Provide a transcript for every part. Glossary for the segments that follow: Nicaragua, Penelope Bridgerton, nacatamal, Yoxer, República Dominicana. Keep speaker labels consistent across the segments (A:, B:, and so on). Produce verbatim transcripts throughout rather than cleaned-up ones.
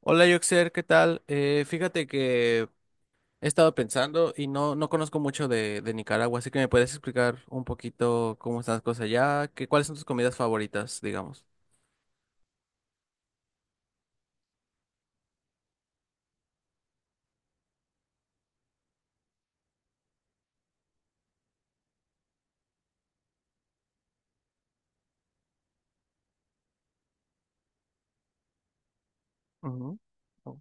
A: Hola, Yoxer, ¿qué tal? Eh, fíjate que he estado pensando y no, no conozco mucho de, de Nicaragua, así que me puedes explicar un poquito cómo están las cosas allá, que, ¿cuáles son tus comidas favoritas, digamos? Ujú. Oh,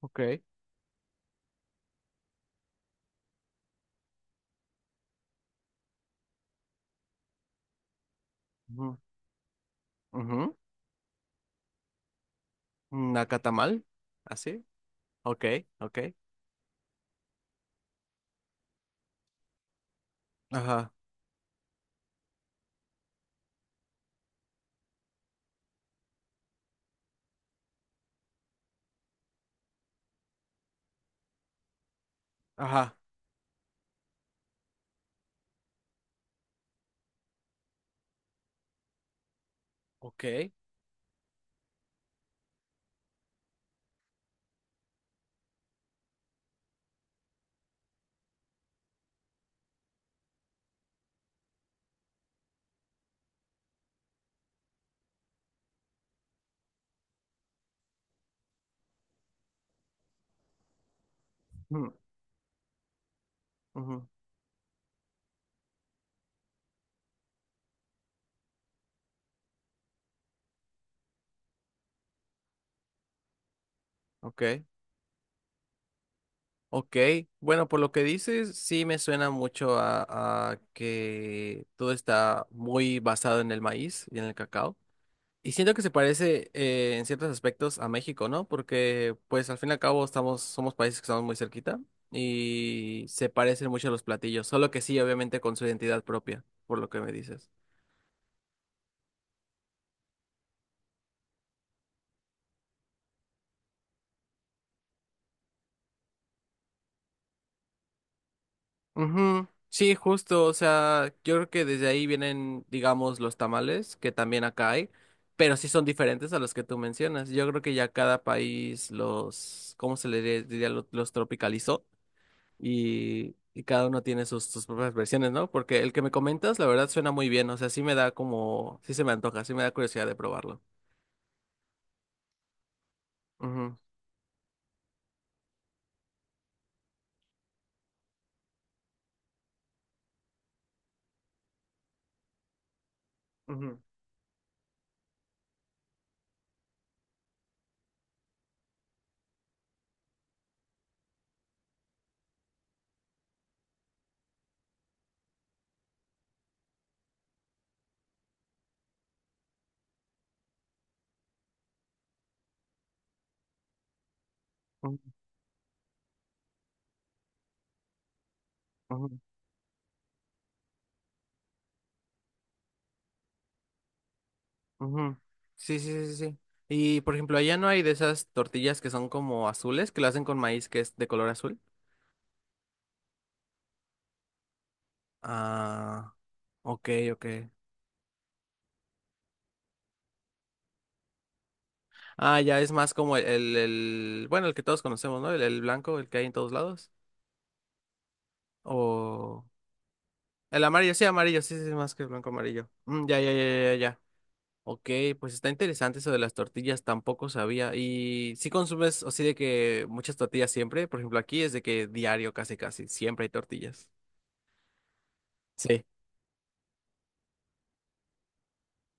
A: ok. Ujú, ujú. Nacatamal, así. Ok, ok. Ajá, ajá, ok. Mm, ujú, ok, ok. Bueno, por lo que dices, sí me suena mucho a, a que todo está muy basado en el maíz y en el cacao. Y siento que se parece eh, en ciertos aspectos a México, ¿no? Porque, pues, al fin y al cabo estamos, somos países que estamos muy cerquita y se parecen mucho a los platillos, solo que sí, obviamente, con su identidad propia, por lo que me dices. Ujú. Sí, justo, o sea, yo creo que desde ahí vienen, digamos, los tamales, que también acá hay, pero sí son diferentes a los que tú mencionas. Yo creo que ya cada país los, ¿cómo se le diría? Los, los tropicalizó y, y cada uno tiene sus, sus propias versiones, ¿no? Porque el que me comentas, la verdad, suena muy bien. O sea, sí me da como, sí se me antoja, sí me da curiosidad de probarlo. Ujú, ujú, ujú, ujú, ujú. Sí, sí, sí, sí. Y por ejemplo, allá no hay de esas tortillas que son como azules, que lo hacen con maíz que es de color azul. Ah, ok, ok. Ah, ya es más como el, el, el- bueno, el que todos conocemos, ¿no? El, el blanco, el que hay en todos lados. O el amarillo, sí, amarillo, sí, sí, sí, más que el blanco amarillo. Mm, ya, ya, ya, ya, ya. Ok, pues está interesante eso de las tortillas, tampoco sabía. ¿Y si consumes así de que muchas tortillas siempre? Por ejemplo, aquí es de que diario casi casi, siempre hay tortillas. Sí.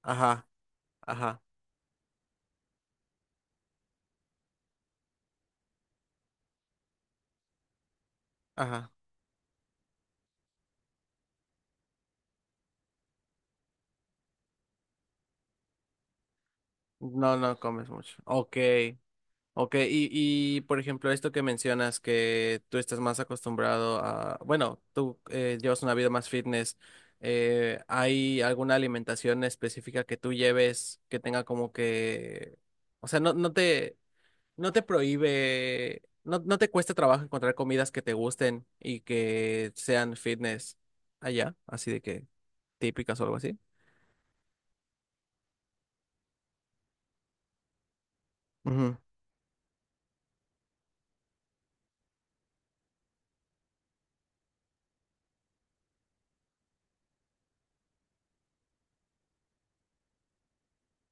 A: Ajá, ajá, ajá. No, no comes mucho. Ok, ok. Y, y por ejemplo, esto que mencionas, que tú estás más acostumbrado a, bueno, tú eh, llevas una vida más fitness. eh, ¿Hay alguna alimentación específica que tú lleves que tenga como que, o sea, no, no te no te prohíbe, no, no te cuesta trabajo encontrar comidas que te gusten y que sean fitness allá, así de que típicas o algo así? Ujú,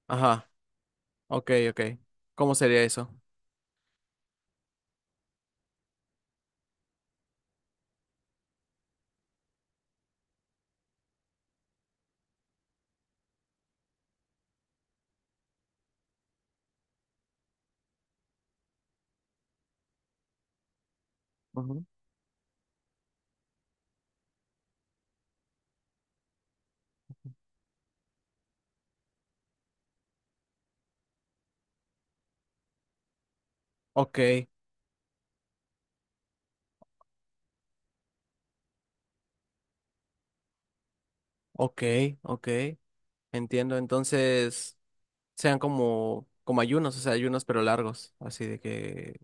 A: ajá, ok, ok. ¿Cómo sería eso? Ujú. Ok, ok, ok. Entiendo. Entonces, sean como, como ayunos, o sea, ayunos pero largos, así de que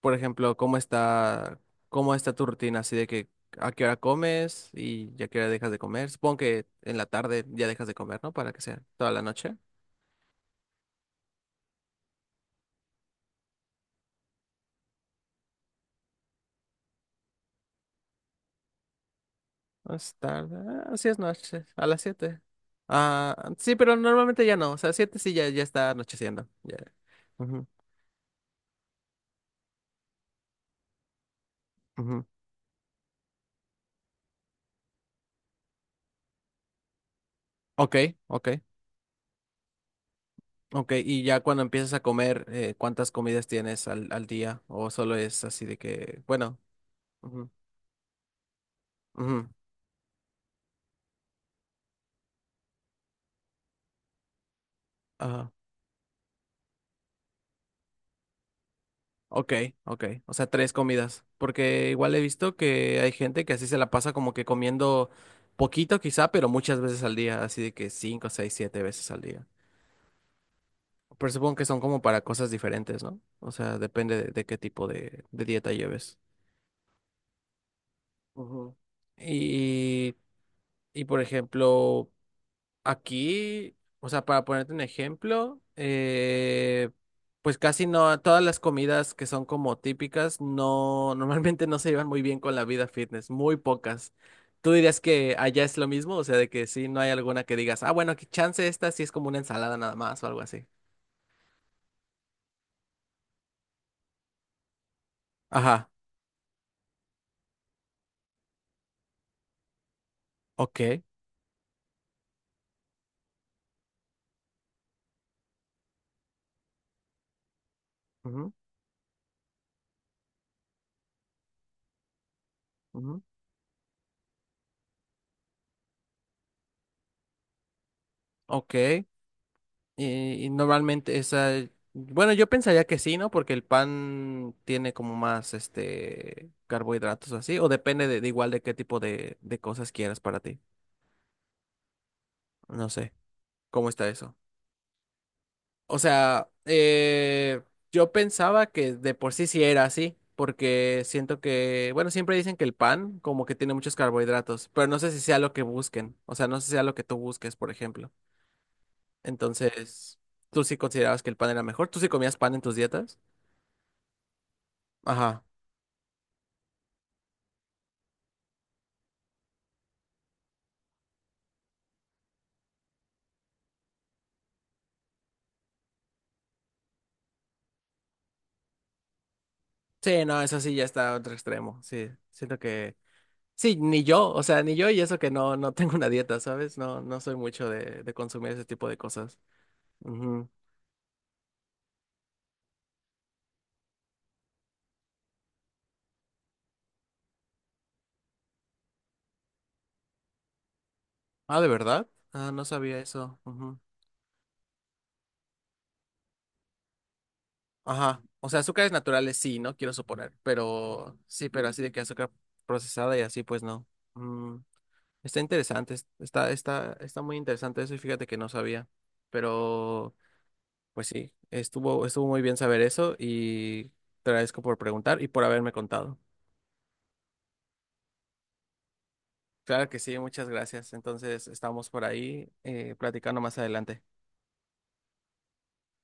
A: por ejemplo, ¿cómo está, cómo está tu rutina? Así de que a qué hora comes y a qué hora dejas de comer. Supongo que en la tarde ya dejas de comer, ¿no? Para que sea toda la noche. No. Es tarde. Ah, sí es noche, a las siete. Ah, sí, pero normalmente ya no. O sea, siete sí ya, ya está anocheciendo. Ya. Ujú, ujú. Ok, ok, ok. Y ya cuando empiezas a comer, eh, ¿cuántas comidas tienes al, al día? ¿O solo es así de que, bueno? Ujú, ujú, ajá. Ok, ok. O sea, tres comidas. Porque igual he visto que hay gente que así se la pasa como que comiendo poquito quizá, pero muchas veces al día, así de que cinco, seis, siete veces al día. Pero supongo que son como para cosas diferentes, ¿no? O sea, depende de, de qué tipo de, de dieta lleves. Ujú. Y, y por ejemplo, aquí, o sea, para ponerte un ejemplo, eh, pues casi no, todas las comidas que son como típicas, no, normalmente no se llevan muy bien con la vida fitness, muy pocas. ¿Tú dirías que allá es lo mismo? O sea, de que sí, no hay alguna que digas, ah, bueno, que chance esta sí es como una ensalada nada más o algo así. Ajá, ok. Ujú, ujú, ok. Eh, y normalmente esa, bueno, yo pensaría que sí, ¿no? Porque el pan tiene como más, este, carbohidratos o así, o depende de, de igual de qué tipo de, de cosas quieras para ti. No sé, ¿cómo está eso? O sea, eh, yo pensaba que de por sí sí era así, porque siento que, bueno, siempre dicen que el pan como que tiene muchos carbohidratos, pero no sé si sea lo que busquen, o sea, no sé si sea lo que tú busques, por ejemplo. Entonces, ¿tú sí considerabas que el pan era mejor? ¿Tú sí comías pan en tus dietas? Ajá. Sí, no, eso sí ya está a otro extremo. Sí, siento que sí, ni yo, o sea, ni yo y eso que no no tengo una dieta, ¿sabes? No no soy mucho de de consumir ese tipo de cosas. Ujú. Ah, ¿de verdad? Ah, no sabía eso. Ujú. Ajá. O sea, azúcares naturales sí, no quiero suponer, pero sí, pero así de que azúcar procesada y así pues no. Mm, está interesante, es- está está está muy interesante eso y fíjate que no sabía. Pero pues sí, estuvo, estuvo muy bien saber eso y te agradezco por preguntar y por haberme contado. Claro que sí, muchas gracias. Entonces, estamos por ahí eh, platicando más adelante.